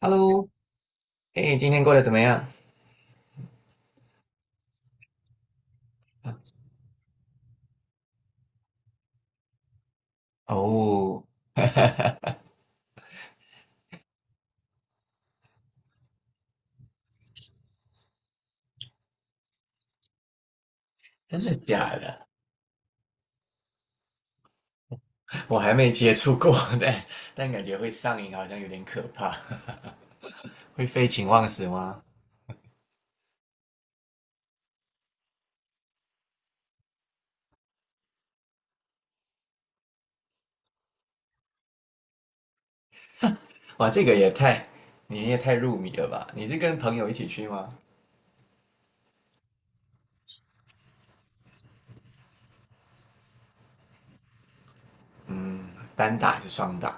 Hello，哎，今天过得怎么样？哦，真的假的？我还没接触过，但感觉会上瘾，好像有点可怕。会废寝忘食吗？哇，这个也太，你也太入迷了吧？你是跟朋友一起去吗？嗯，单打还是双打？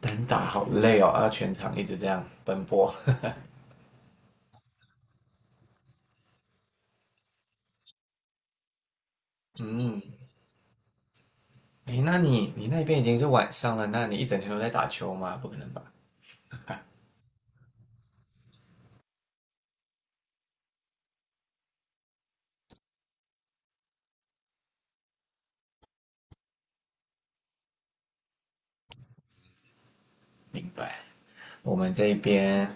单打好累哦，要全场一直这样奔波。嗯，诶，那你那边已经是晚上了，那你一整天都在打球吗？不可能吧？明白。我们这边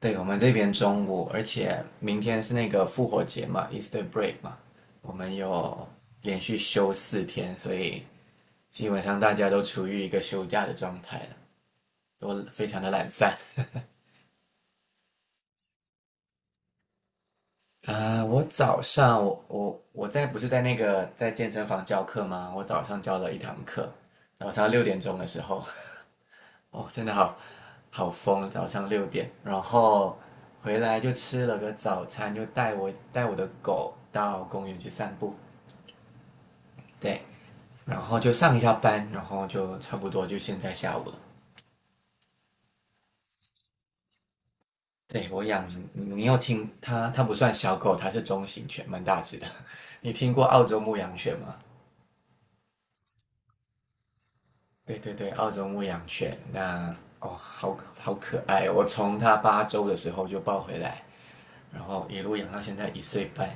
对，我们这边中午，而且明天是那个复活节嘛，Easter break 嘛，我们有连续休4天，所以基本上大家都处于一个休假的状态了，都非常的懒散。啊、我早上我在不是在那个在健身房教课吗？我早上教了一堂课，早上6点钟的时候，哦，真的好好疯，早上六点，然后回来就吃了个早餐，就带我的狗到公园去散步。对，然后就上一下班，然后就差不多就现在下午了。对我养，你有听它？它不算小狗，它是中型犬，蛮大只的。你听过澳洲牧羊犬吗？对对对，澳洲牧羊犬，哦，好好可爱哦我从它8周的时候就抱回来，然后一路养到现在一岁半，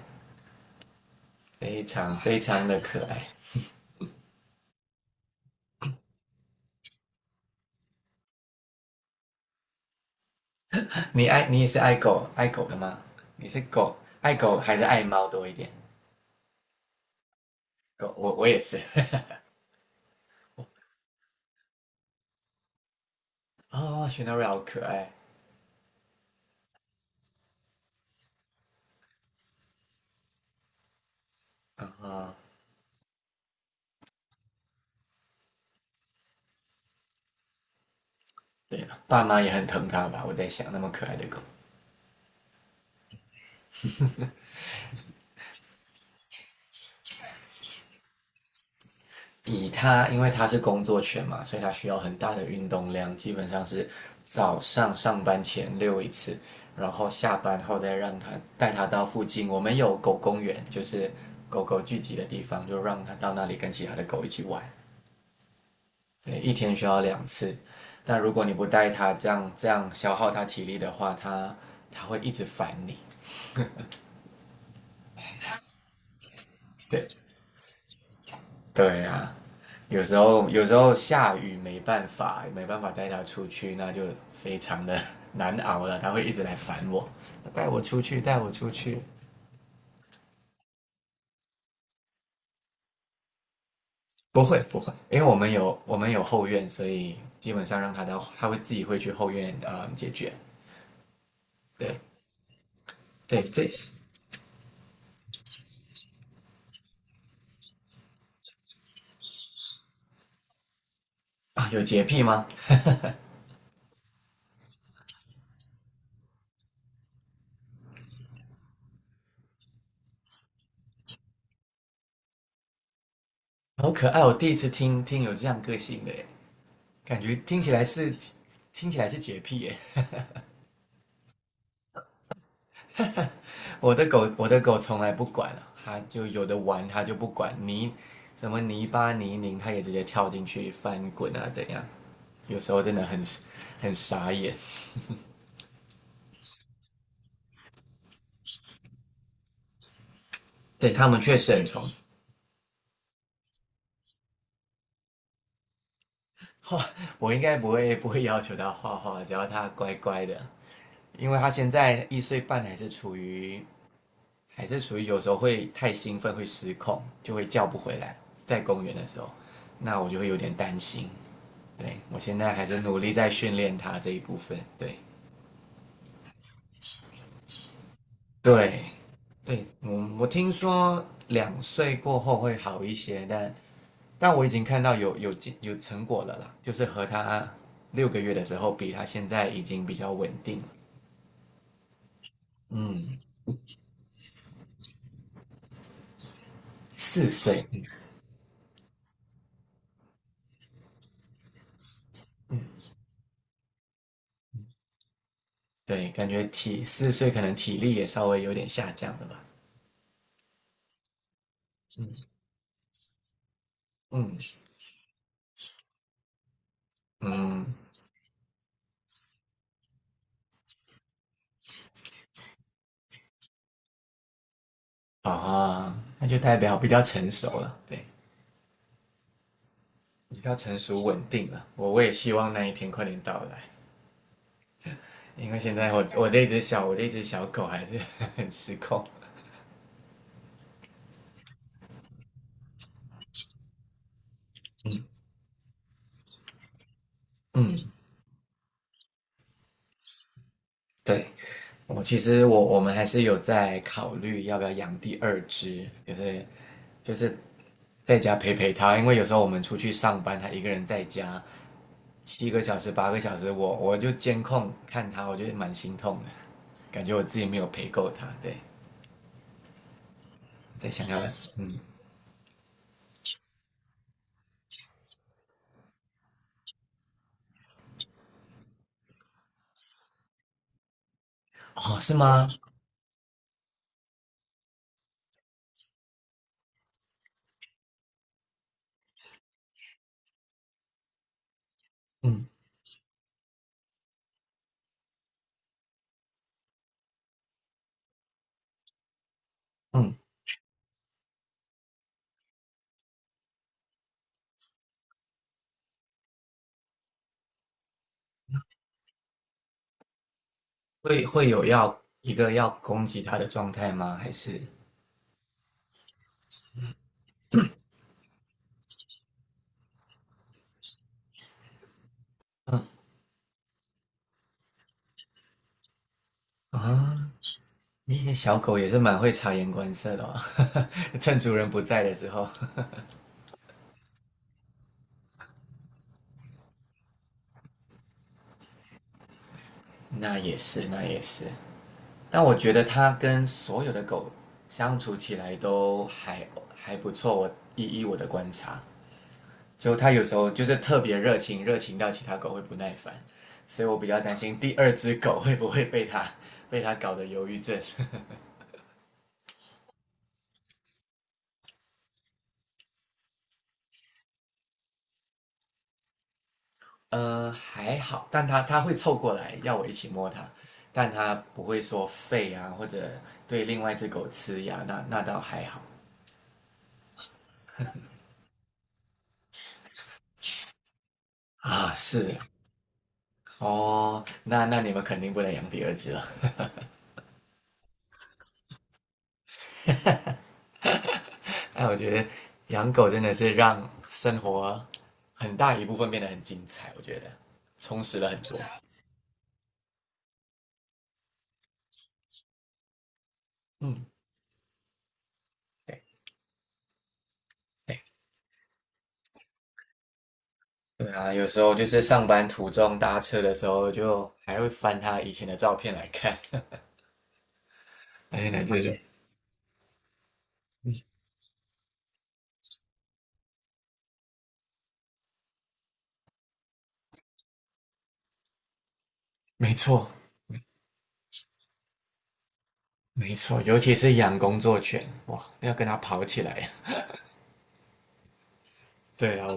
非常非常的可爱。你爱你也是爱狗的吗？你是狗爱狗还是爱猫多一点？狗我也是。哦，雪纳瑞好可爱。啊，对了，爸妈也很疼它吧？我在想，那么可爱的狗，以它，因为它是工作犬嘛，所以它需要很大的运动量，基本上是早上上班前遛一次，然后下班后再让它带它到附近，我们有狗公园，就是狗狗聚集的地方，就让它到那里跟其他的狗一起玩。对，一天需要2次，但如果你不带它，这样消耗它体力的话，它会一直烦你。对，对呀、有时候下雨没办法，没办法带它出去，那就非常的 难熬了。它会一直来烦我，带我出去，带我出去。不会不会，因为我们有后院，所以基本上让它到，它会自己会去后院啊解决。对对，这啊有洁癖吗？好可爱，我第一次听有这样个性的耶，感觉听起来是洁癖耶。我的狗从来不管了，它就有的玩，它就不管泥什么泥巴泥泞，它也直接跳进去翻滚啊，怎样？有时候真的很傻眼。对他们确实很宠，画，我应该不会要求它画画，只要它乖乖的，因为它现在一岁半，还是处于有时候会太兴奋会失控，就会叫不回来，在公园的时候，那我就会有点担心。对我现在还是努力在训练它这一部分，对。对，对，嗯，我听说2岁过后会好一些，但我已经看到有成果了啦，就是和他6个月的时候比，他现在已经比较稳定了。嗯，四岁，对，感觉体四岁可能体力也稍微有点下降了吧。嗯嗯啊，那就代表比较成熟了，对，比较成熟稳定了。我也希望那一天快点到来。因为现在我这只小狗还是 很失控。嗯，对，我其实我们还是有在考虑要不要养第二只，就是在家陪陪它，因为有时候我们出去上班，它一个人在家7个小时8个小时，我就监控看它，我觉得蛮心痛的，感觉我自己没有陪够它。对，在想要嗯哦是吗？嗯嗯，会有要一个要攻击它的状态吗？还是嗯啊，那个小狗也是蛮会察言观色的哦，趁主人不在的时候。那也是，那也是。但我觉得它跟所有的狗相处起来都还不错。我依我的观察，就它有时候就是特别热情，热情到其他狗会不耐烦，所以我比较担心第二只狗会不会被它搞得忧郁症。还好，但它会凑过来要我一起摸它，但它不会说吠啊，或者对另外一只狗呲牙，那倒还好啊。是哦，那你们肯定不能养第二只了。那我觉得养狗真的是让生活很大一部分变得很精彩，我觉得充实了很多。嗯，对对对啊，有时候就是上班途中搭车的时候，就还会翻他以前的照片来看，而且呢，就是没错，没错，尤其是养工作犬，哇，要跟它跑起来。对啊，我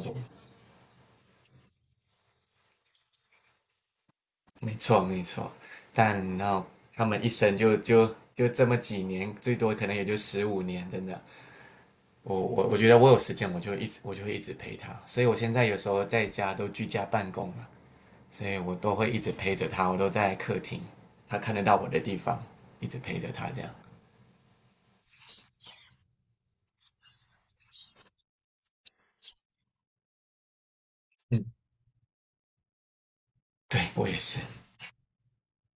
没错没错。但然后他们一生就这么几年，最多可能也就15年，真的。我觉得我有时间，我就会一直陪它。所以我现在有时候在家都居家办公嘛，所以我都会一直陪着它，我都在客厅，它看得到我的地方，一直陪着它这样。嗯，对我也是。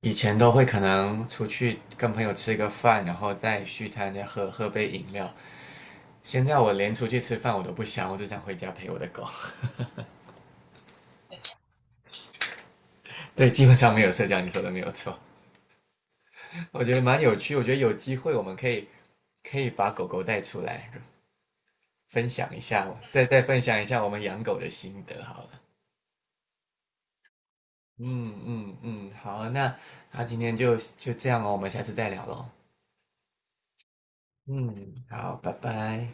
以前都会可能出去跟朋友吃个饭，然后再去他再喝喝杯饮料。现在我连出去吃饭我都不想，我只想回家陪我的狗。对，基本上没有社交，你说的没有错。我觉得蛮有趣，我觉得有机会我们可以把狗狗带出来，分享一下，再分享一下我们养狗的心得好了。嗯嗯嗯，好，那今天就这样哦，我们下次再聊喽。嗯，好，拜拜。